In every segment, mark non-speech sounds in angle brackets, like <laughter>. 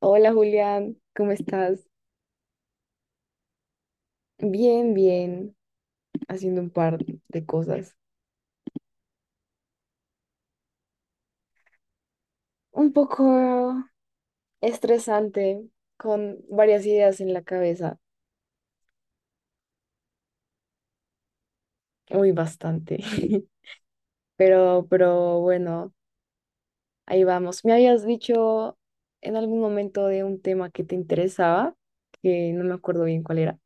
Hola Julián, ¿cómo estás? Bien, bien, haciendo un par de cosas. Un poco estresante, con varias ideas en la cabeza, muy bastante. <laughs> Pero bueno, ahí vamos. Me habías dicho en algún momento de un tema que te interesaba, que no me acuerdo bien cuál era.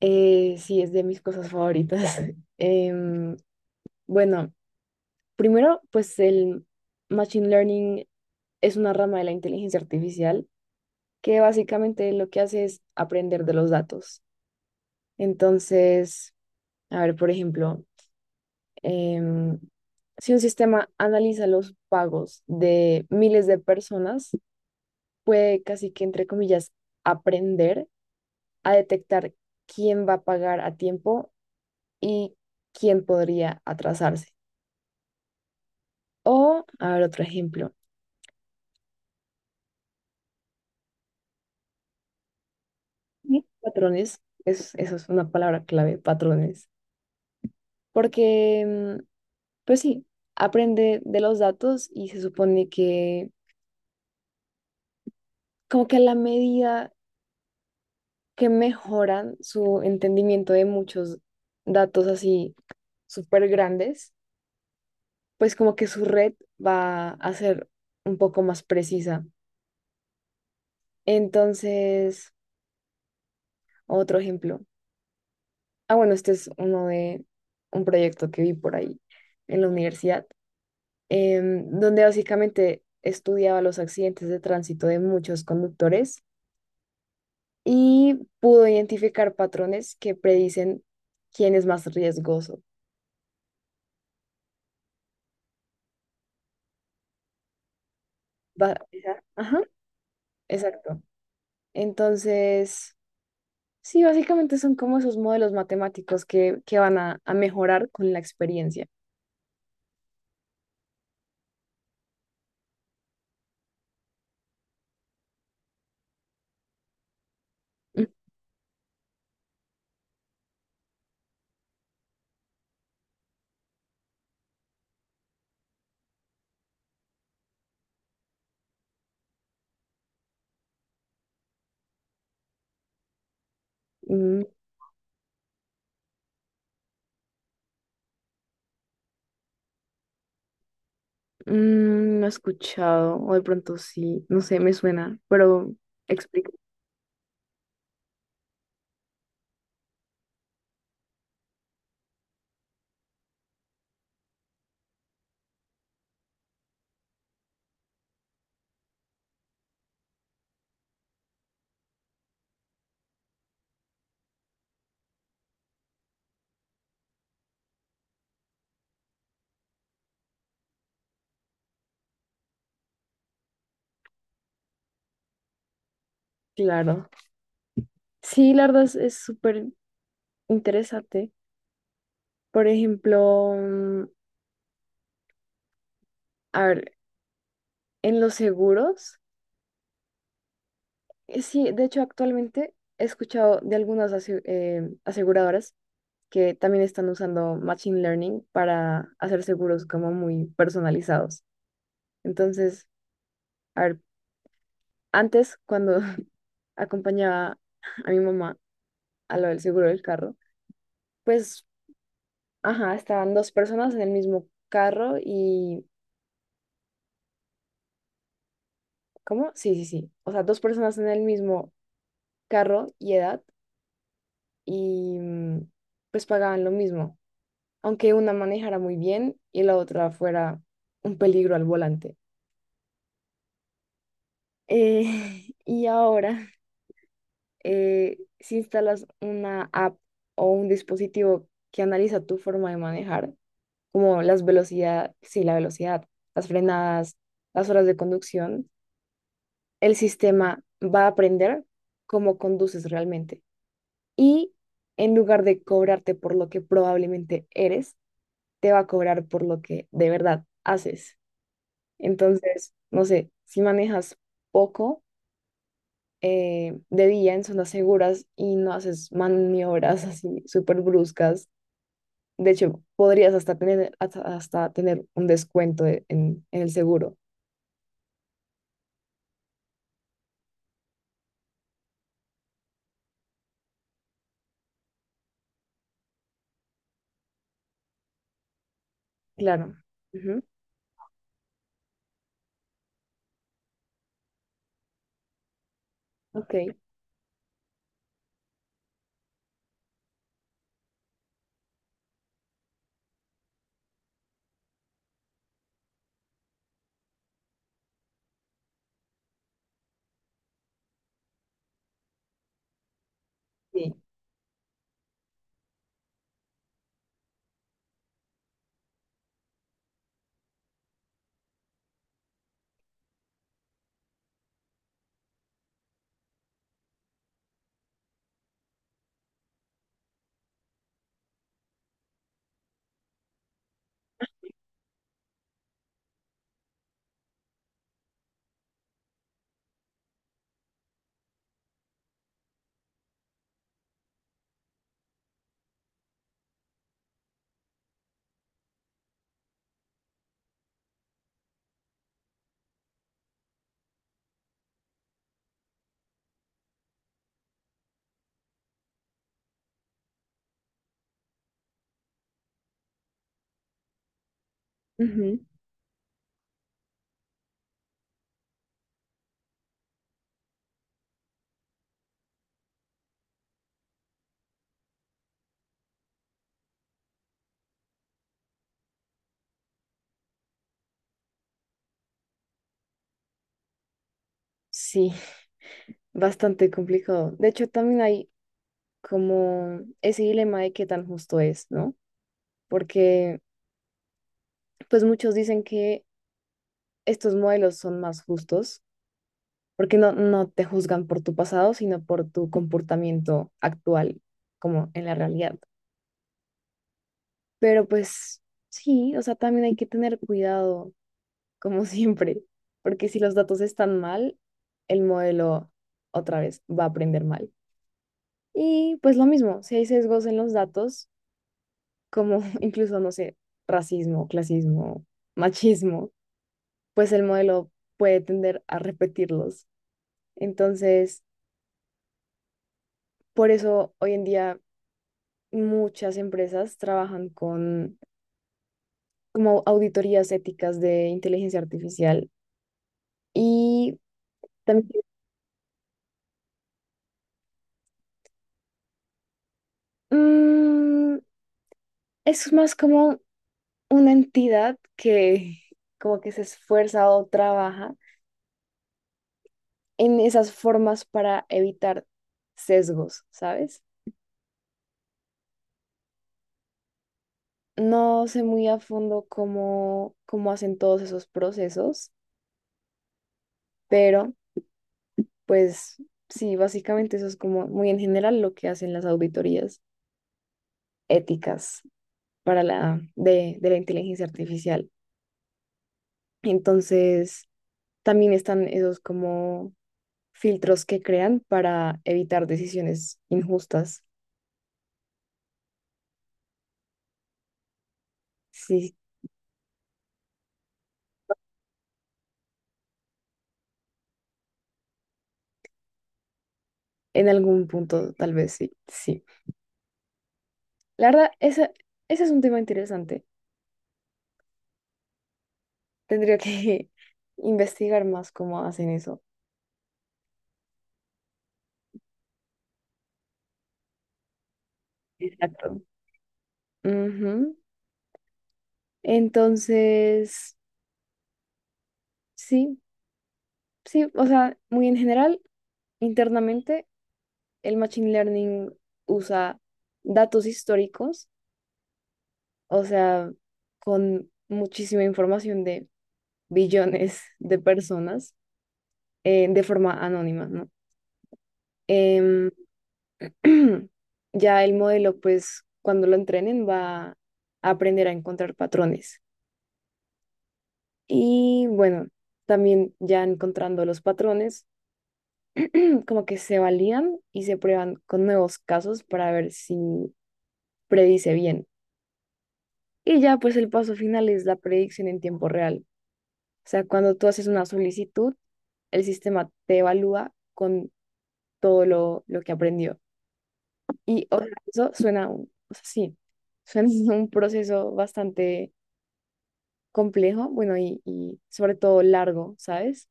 Sí, es de mis cosas favoritas. <laughs> Em, bueno, primero, pues el Machine Learning es una rama de la inteligencia artificial que básicamente lo que hace es aprender de los datos. Entonces, a ver, por ejemplo, em, si un sistema analiza los pagos de miles de personas, puede casi que, entre comillas, aprender a detectar quién va a pagar a tiempo y quién podría atrasarse. O, a ver, otro ejemplo. Sí, patrones, eso es una palabra clave, patrones, porque pues sí, aprende de los datos y se supone que como que a la medida que mejoran su entendimiento de muchos datos así súper grandes, pues como que su red va a ser un poco más precisa. Entonces, otro ejemplo. Ah, bueno, este es uno de un proyecto que vi por ahí en la universidad, donde básicamente estudiaba los accidentes de tránsito de muchos conductores y pudo identificar patrones que predicen quién es más riesgoso. Ajá, exacto. Entonces, sí, básicamente son como esos modelos matemáticos que van a mejorar con la experiencia. Mm, mm, no he escuchado, o de pronto sí, no sé, me suena, pero explico. Claro. Sí, la verdad es súper interesante. Por ejemplo, a ver, en los seguros. Sí, de hecho actualmente he escuchado de algunas aseguradoras que también están usando Machine Learning para hacer seguros como muy personalizados. Entonces, a ver, antes cuando <laughs> acompañaba a mi mamá a lo del seguro del carro, pues, ajá, estaban dos personas en el mismo carro y, ¿cómo? Sí, sí, sí. O sea, dos personas en el mismo carro y edad y pues pagaban lo mismo, aunque una manejara muy bien y la otra fuera un peligro al volante. <laughs> Y ahora, si instalas una app o un dispositivo que analiza tu forma de manejar, como las velocidades, sí, la velocidad, las frenadas, las horas de conducción, el sistema va a aprender cómo conduces realmente. Y en lugar de cobrarte por lo que probablemente eres, te va a cobrar por lo que de verdad haces. Entonces, no sé, si manejas poco de día en zonas seguras y no haces maniobras <laughs> así súper bruscas, de hecho, podrías hasta tener, hasta, hasta tener un en el seguro. Claro. Ujú. Ok. Sí. Ujú. Sí, bastante complicado. De hecho, también hay como ese dilema de qué tan justo es, ¿no? Porque pues muchos dicen que estos modelos son más justos porque no te juzgan por tu pasado, sino por tu comportamiento actual, como en la realidad. Pero pues sí, o sea, también hay que tener cuidado, como <laughs> siempre, porque si los datos están mal, el modelo otra vez va a aprender mal. Y pues lo mismo, si hay sesgos en los datos, como <laughs> incluso, no sé, racismo, clasismo, machismo, pues el modelo puede tender a repetirlos. Entonces, por eso hoy en día muchas empresas trabajan con como auditorías éticas de inteligencia artificial y también mm, es más como una entidad que como que se esfuerza o trabaja en esas formas para evitar sesgos, ¿sabes? No sé muy a fondo cómo hacen todos esos procesos, pero pues sí, básicamente eso es como muy en general lo que hacen las auditorías éticas, para la de la inteligencia artificial. Entonces, también están esos como filtros que crean para evitar decisiones injustas. Sí, en algún punto tal vez sí, sí. La verdad, ese es un tema interesante. Tendría que <laughs> investigar más cómo hacen eso. Exacto. Ujú. Entonces, sí, sí, o sea, muy en general, internamente el Machine Learning usa datos históricos, o sea, con muchísima información de billones de personas de forma anónima, ¿no? Em, <clears throat> ya el modelo, pues, cuando lo entrenen, va a aprender a encontrar patrones. Y bueno, también ya encontrando los patrones, <clears throat> como que se valían y se prueban con nuevos casos para ver si predice bien. Y ya pues el paso final es la predicción en tiempo real. O sea, cuando tú haces una solicitud, el sistema te evalúa con todo lo que aprendió. Y o sea, eso suena, o sea, sí, suena <laughs> un proceso bastante complejo, bueno, y sobre todo largo, ¿sabes?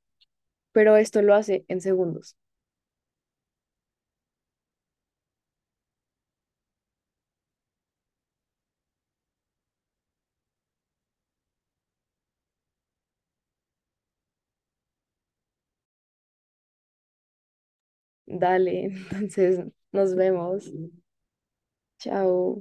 Pero esto lo hace en segundos. Dale, <laughs> entonces nos vemos. Chao.